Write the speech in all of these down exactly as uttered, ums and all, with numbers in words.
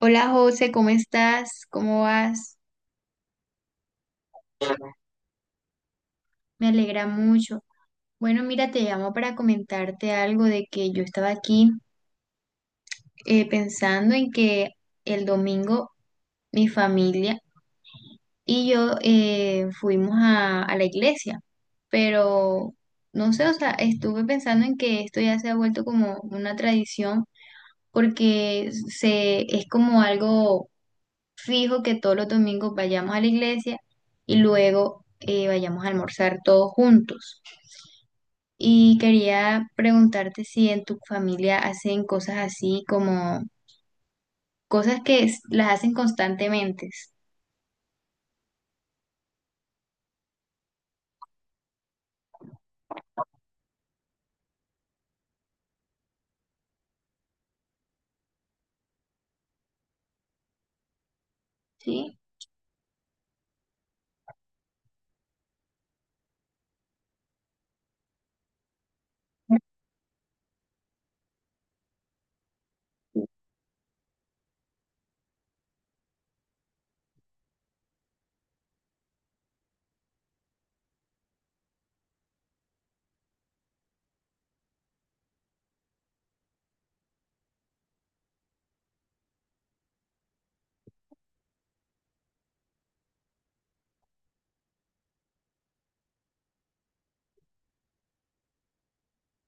Hola José, ¿cómo estás? ¿Cómo vas? Me alegra mucho. Bueno, mira, te llamo para comentarte algo de que yo estaba aquí eh, pensando en que el domingo mi familia y yo eh, fuimos a, a la iglesia, pero no sé, o sea, estuve pensando en que esto ya se ha vuelto como una tradición porque se, es como algo fijo que todos los domingos vayamos a la iglesia y luego eh, vayamos a almorzar todos juntos. Y quería preguntarte si en tu familia hacen cosas así como cosas que s- las hacen constantemente. ¿Sí?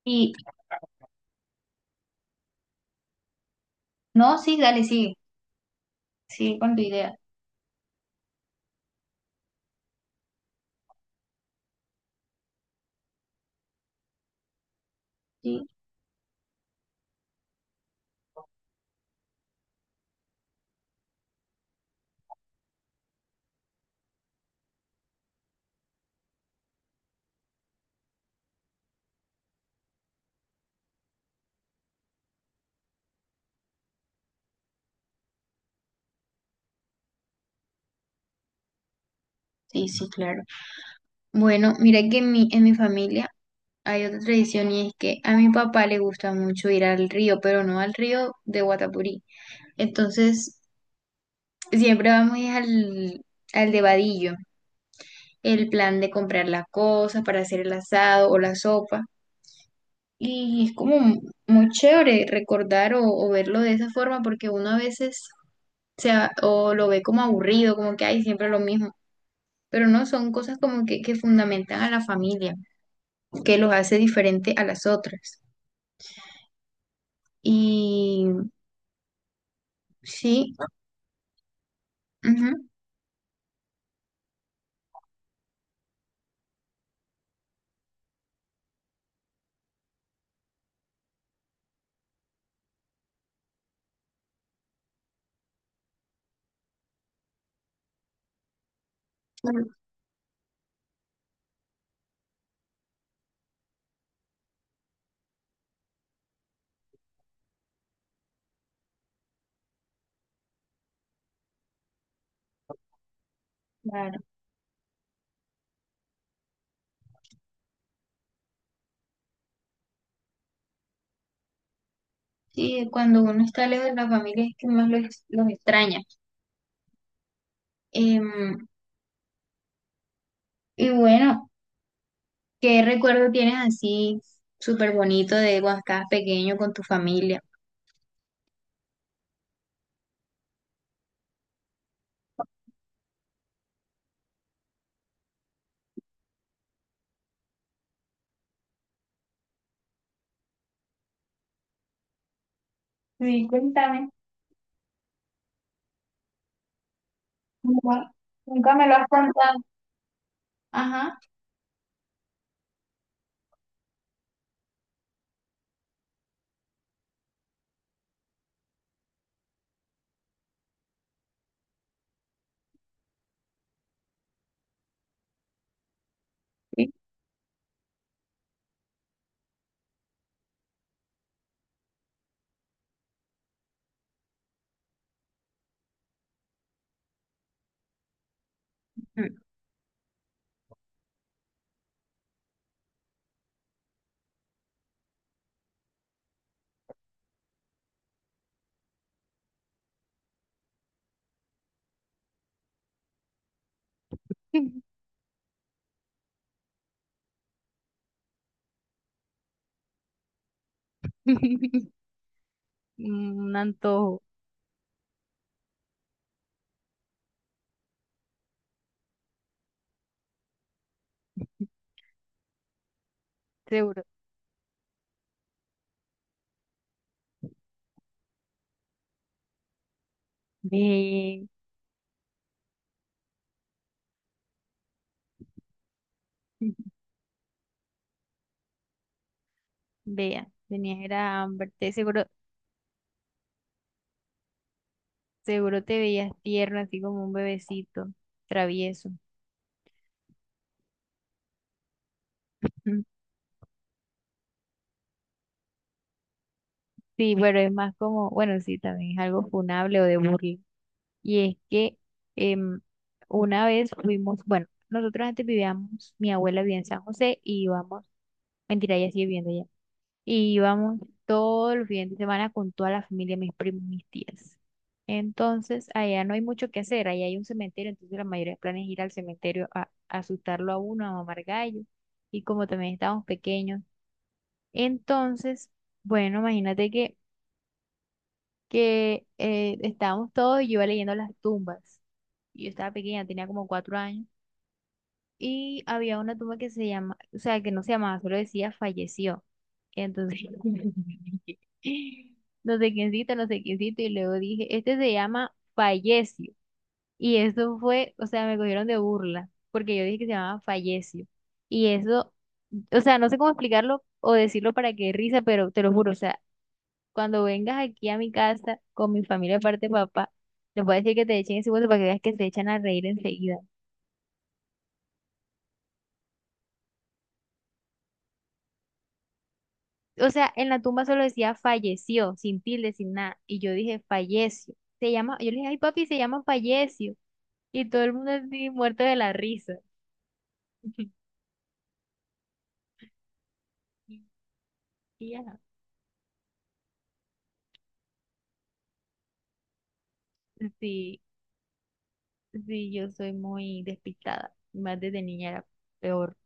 Y no, sí, dale, sigue, sigue con tu idea. Sí, sí, sí, claro. Bueno, mira que en mi, en mi familia hay otra tradición y es que a mi papá le gusta mucho ir al río, pero no al río de Guatapurí. Entonces, siempre vamos es al, al de vadillo, el plan de comprar las cosas para hacer el asado o la sopa. Y es como m- muy chévere recordar o, o verlo de esa forma porque uno a veces se, a- o lo ve como aburrido, como que hay siempre lo mismo. Pero no, son cosas como que, que fundamentan a la familia, que los hace diferente a las otras. Y sí, ujú, claro. Sí, cuando uno está lejos de la familia es que más los, los extraña. Em, y bueno. ¿Qué recuerdo tienes así súper bonito de cuando estabas pequeño con tu familia? Sí, cuéntame. Nunca, nunca me lo has contado. Ajá. Sí. Mm. Un antojo, seguro. Ve, vea, tenías era hambre, te- seguro, seguro te veías tierno, así como un bebecito, travieso. Mm. Sí, pero es más como, bueno, sí, también es algo funable o de burla. Y es que em, una vez fuimos, bueno, nosotros antes vivíamos, mi abuela vivía en San José y íbamos, mentira, ella sigue viviendo allá, y íbamos todos los fines de semana con toda la familia, mis primos, mis tías. Entonces, allá no hay mucho que hacer, allá hay un cementerio, entonces la mayoría de planes es ir al cementerio a, a asustarlo a uno, a mamar gallo, y como también estábamos pequeños. Entonces, bueno, imagínate que, que eh, estábamos todos y yo iba leyendo las tumbas, yo estaba pequeña, tenía como cuatro años. Y había una tumba que se llama, o sea, que no se llamaba, solo decía falleció. Entonces, no sé quiéncito, no sé quiéncito, y luego dije, este se llama Fallecio. Y eso fue, o sea, me cogieron de burla, porque yo dije que se llamaba Fallecio. Y eso, o sea, no sé cómo explicarlo o decirlo para que dé risa, pero te lo juro, o sea, cuando vengas aquí a mi casa con mi familia, aparte de papá, les voy a decir que te echen ese hueso para que veas que se echan a reír enseguida. O sea, en la tumba solo decía falleció, sin tilde, sin nada. Y yo dije, falleció. Se llama, yo le dije, ay papi, se llama falleció. Y todo el mundo así muerto de la risa. Y ya, sí, sí, yo soy muy despistada. Más desde niña era peor.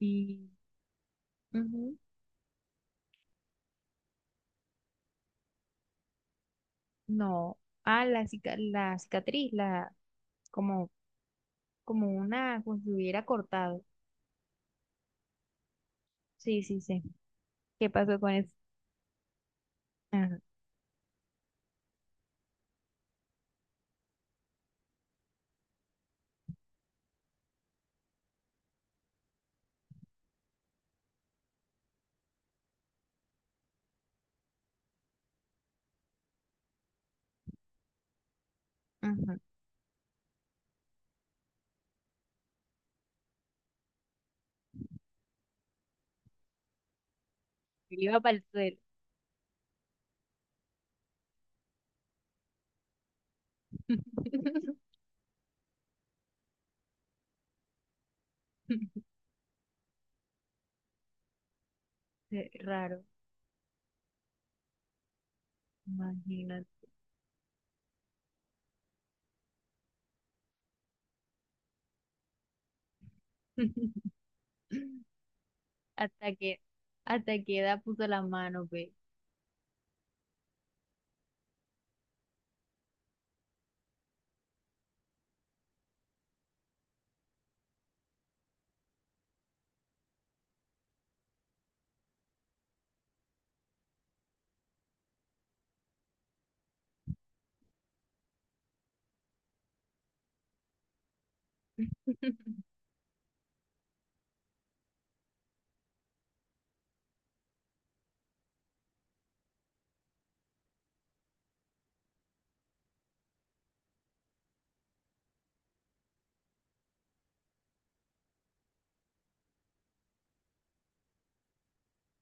Y ujú, no. Ah, la, cica- la cicatriz, la, como, como una, como si hubiera cortado. Sí, sí, sí. ¿Qué pasó con eso? Ajá, ajá. Yo iba para el suelo. Sí, raro. Imagínate. Hasta que, hasta que edad puso la mano, ve.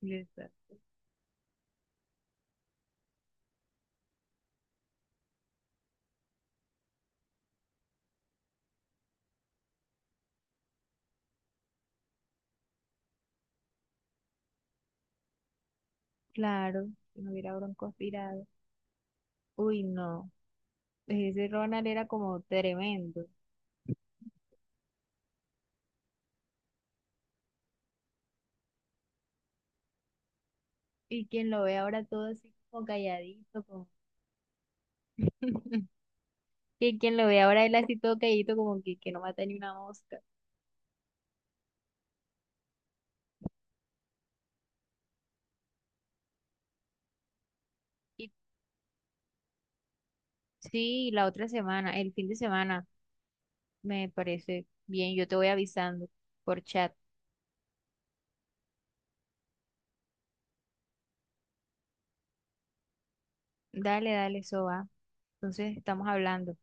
Lisa. Claro, si no hubiera broncoaspirado. Uy, no. Ese Ronald era como tremendo. Y quien lo ve ahora todo así como calladito, como... Y quien lo ve ahora él así todo calladito, como que, que no mata ni una mosca. Y sí, la otra semana, el fin de semana, me parece bien. Yo te voy avisando por chat. Dale, dale, eso va. Entonces estamos hablando.